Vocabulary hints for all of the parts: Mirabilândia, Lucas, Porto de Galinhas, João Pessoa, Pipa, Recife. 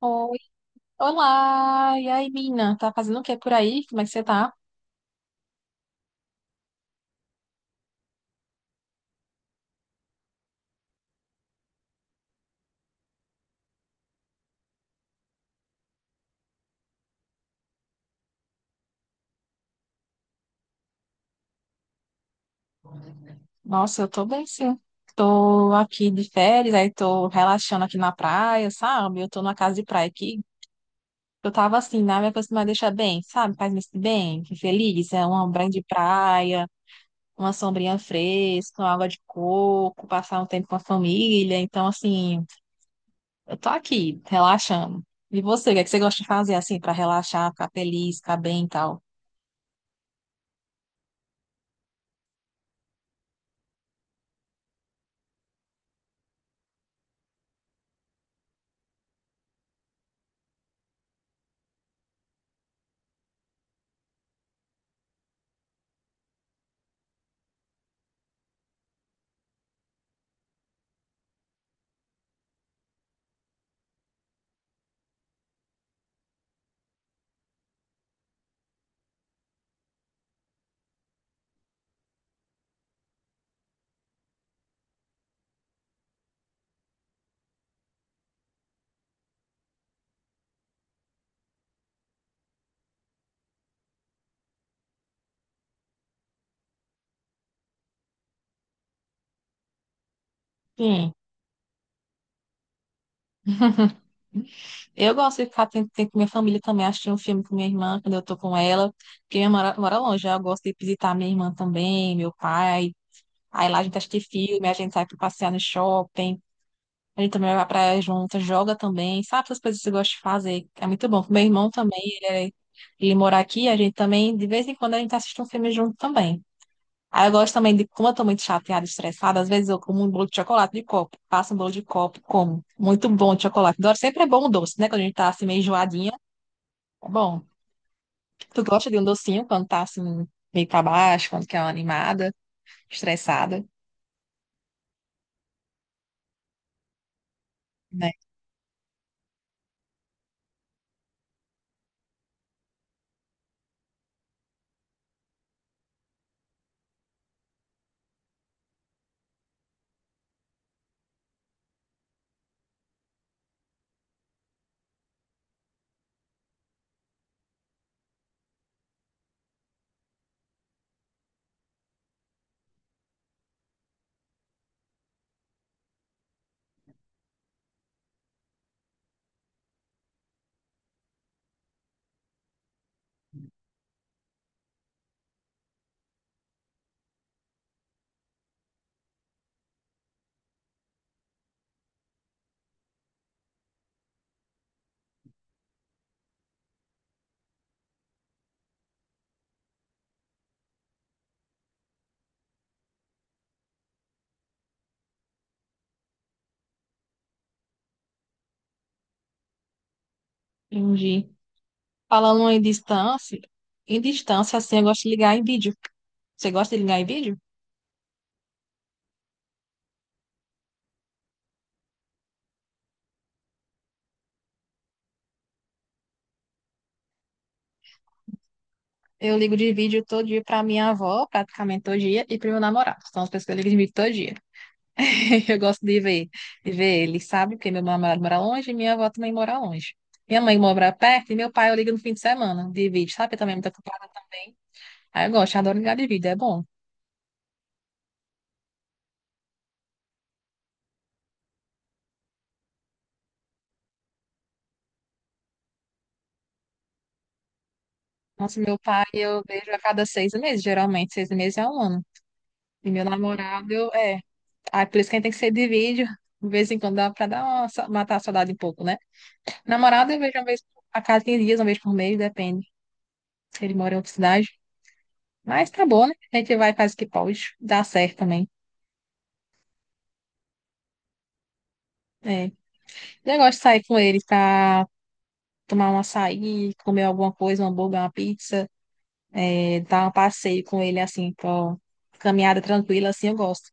Oi, olá! E aí, Mina? Tá fazendo o que por aí? Como é que você tá? Nossa, eu tô bem, sim. Tô aqui de férias, aí tô relaxando aqui na praia, sabe? Eu tô numa casa de praia aqui. Eu tava assim, né? Minha coisa me deixa bem, sabe? Faz-me sentir bem, que feliz. É uma grande praia, uma sombrinha fresca, uma água de coco, passar um tempo com a família. Então, assim, eu tô aqui, relaxando. E você, o que é que você gosta de fazer, assim, pra relaxar, ficar feliz, ficar bem e tal? Sim. Eu gosto de ficar tempo com minha família também, assistir um filme com minha irmã quando eu tô com ela, porque minha irmã mora longe, aí eu gosto de visitar minha irmã também, meu pai. Aí lá a gente assiste filme, a gente sai pra passear no shopping, a gente também vai pra praia junto, joga também, sabe essas coisas que eu gosto de fazer? É muito bom. Meu irmão também, ele mora aqui, a gente também, de vez em quando a gente assiste um filme junto também. Aí eu gosto também de, como eu tô muito chateada, estressada, às vezes eu como um bolo de chocolate de copo, passo um bolo de copo, como. Muito bom de chocolate. Adoro, sempre é bom o doce, né? Quando a gente tá assim meio enjoadinha. Bom, tu gosta de um docinho quando tá assim, meio pra baixo, quando quer uma animada, estressada, né? Entendi. Falando em distância, assim, eu gosto de ligar em vídeo. Você gosta de ligar em vídeo? Eu ligo de vídeo todo dia pra minha avó, praticamente todo dia, e pro meu namorado. São as pessoas que eu ligo de vídeo todo dia. Eu gosto de ver ele, sabe? Porque meu namorado mora longe e minha avó também mora longe. Minha mãe mora perto e meu pai eu ligo no fim de semana de vídeo, sabe? Eu também muito ocupada também. Aí eu gosto, eu adoro ligar de vídeo, é bom. Nossa, meu pai eu vejo a cada 6 meses, geralmente, 6 meses é um ano. E meu namorado, eu- é. Ah, por isso que a gente tem que ser de vídeo, de vez em quando dá pra matar a saudade um pouco, né? Namorado eu vejo uma vez a cada 15 dias, uma vez por mês, depende. Se ele mora em outra cidade. Mas tá bom, né? A gente vai e faz o que pode. Dá certo também. É. Eu gosto de sair com ele pra tomar um açaí, comer alguma coisa, um hambúrguer, uma pizza, é, dar um passeio com ele, assim, pra uma caminhada tranquila, assim, eu gosto.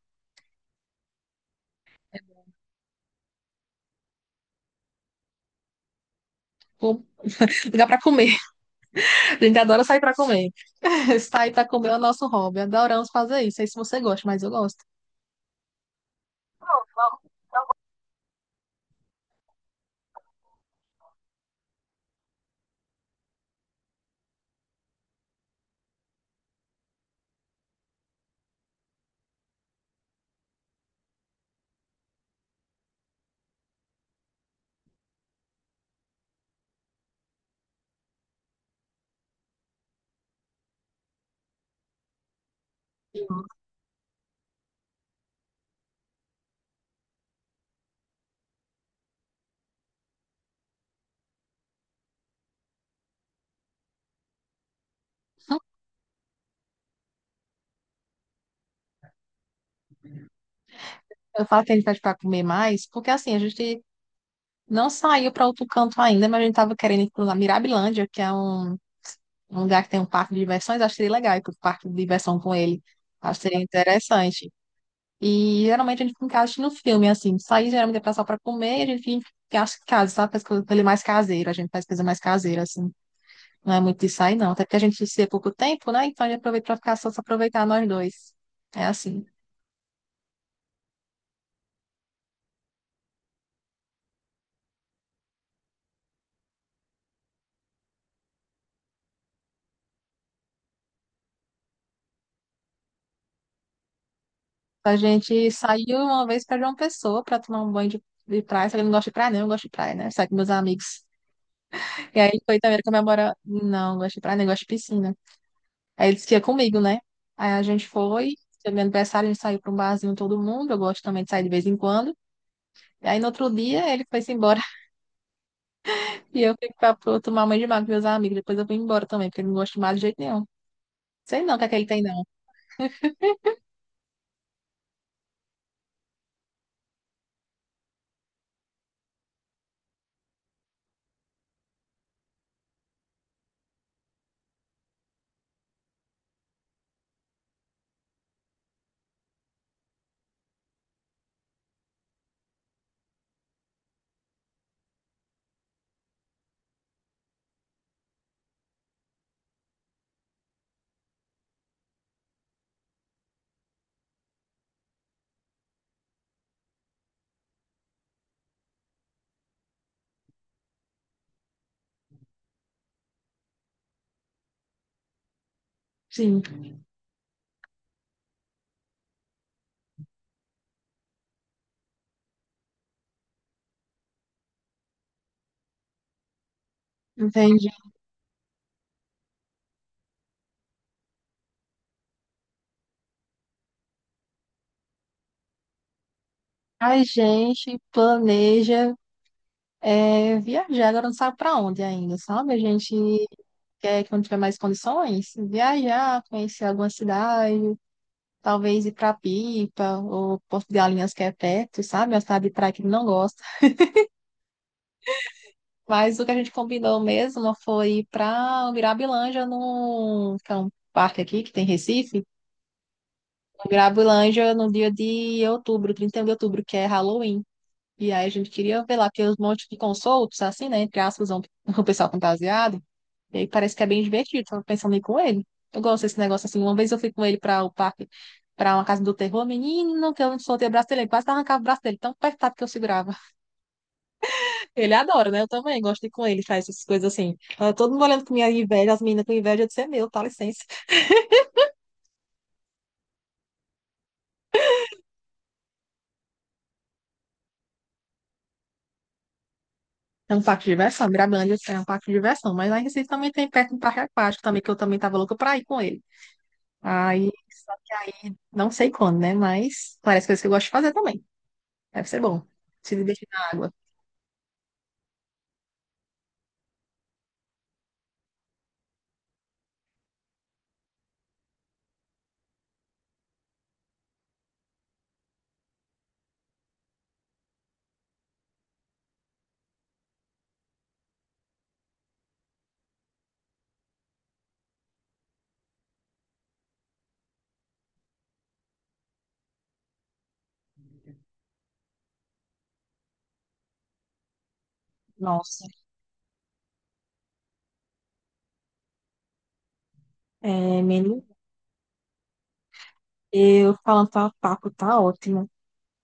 Com- Lugar pra comer. A gente adora sair pra comer. Sair pra comer é o nosso hobby. Adoramos fazer isso. Não sei se você gosta, mas eu gosto. Eu falo que a gente pede pra comer mais, porque assim, a gente não saiu pra outro canto ainda, mas a gente tava querendo ir pra Mirabilândia, que é um lugar que tem um parque de diversões. Acho que seria legal ir pro parque de diversão com ele. Acho que seria interessante. E geralmente a gente fica em casa no filme, assim. Sair geralmente é pra só pra comer, e a gente fica em casa, sabe? Faz coisa mais caseira. A gente faz coisa mais caseira, assim. Não é muito de sair, não. Até porque a gente se vê pouco tempo, né? Então a gente aproveita pra ficar só se aproveitar nós dois. É assim. A gente saiu uma vez pra João Pessoa pra tomar um banho de praia. Só que eu não gosto de praia, não. Eu gosto de praia, né? Sai com meus amigos. E aí foi também comemorar. Não, não gosto de praia, nem gosto de piscina. Aí eles que ia comigo, né? Aí a gente foi. Foi meu aniversário, a gente saiu pra um barzinho todo mundo. Eu gosto também de sair de vez em quando. E aí no outro dia ele foi-se embora. E eu fui pra, pra tomar banho de mar com meus amigos. Depois eu fui embora também, porque eu não gosto de mar de jeito nenhum. Sei não o que é que ele tem, não. Sim, entendi. A gente planeja é, viajar, agora não sabe para onde ainda, sabe? A gente quer, quando tiver mais condições, viajar, conhecer alguma cidade, talvez ir para Pipa ou Porto de Galinhas, que é perto, sabe? É uma cidade de praia que ele não gosta. Mas o que a gente combinou mesmo foi ir para Mirabilândia, no que é um parque aqui que tem em Recife. Mirabilândia no dia de outubro, 31 de outubro, que é Halloween. E aí a gente queria ver lá, tem uns montes que ficam soltos, assim, né? Entre aspas, um, o pessoal fantasiado. E aí parece que é bem divertido, tava pensando em ir com ele. Eu gosto desse negócio assim. Uma vez eu fui com ele para o parque, para uma casa do terror, menino, que eu soltei o braço dele, ele quase arrancava o braço dele, tão apertado que eu segurava. Ele adora, né? Eu também gosto de ir com ele, faz essas coisas assim. Tava todo mundo olhando com minha inveja, as meninas com inveja, eu disse, é meu, tá licença. É um parque de diversão, Mirabilândia é um parque de diversão. Mas lá em Recife também tem perto um parque aquático também, que eu também tava louca pra ir com ele. Aí não sei quando, né? Mas parece coisas que eu gosto de fazer também. Deve ser bom. Se divertir na água. Nossa. É, menino, eu falando tá, papo tá ótimo,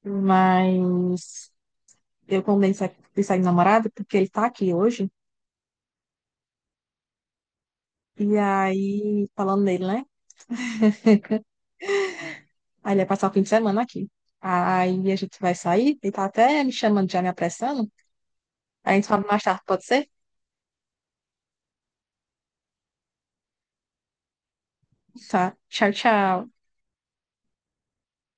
mas eu combinei de sair com o namorado porque ele tá aqui hoje. E aí, falando dele, né? Aí ele vai passar o fim de semana aqui. Aí a gente vai sair, ele tá até me chamando, já me apressando. Aí a gente fala mais tarde, pode ser? Tá. Tchau, tchau.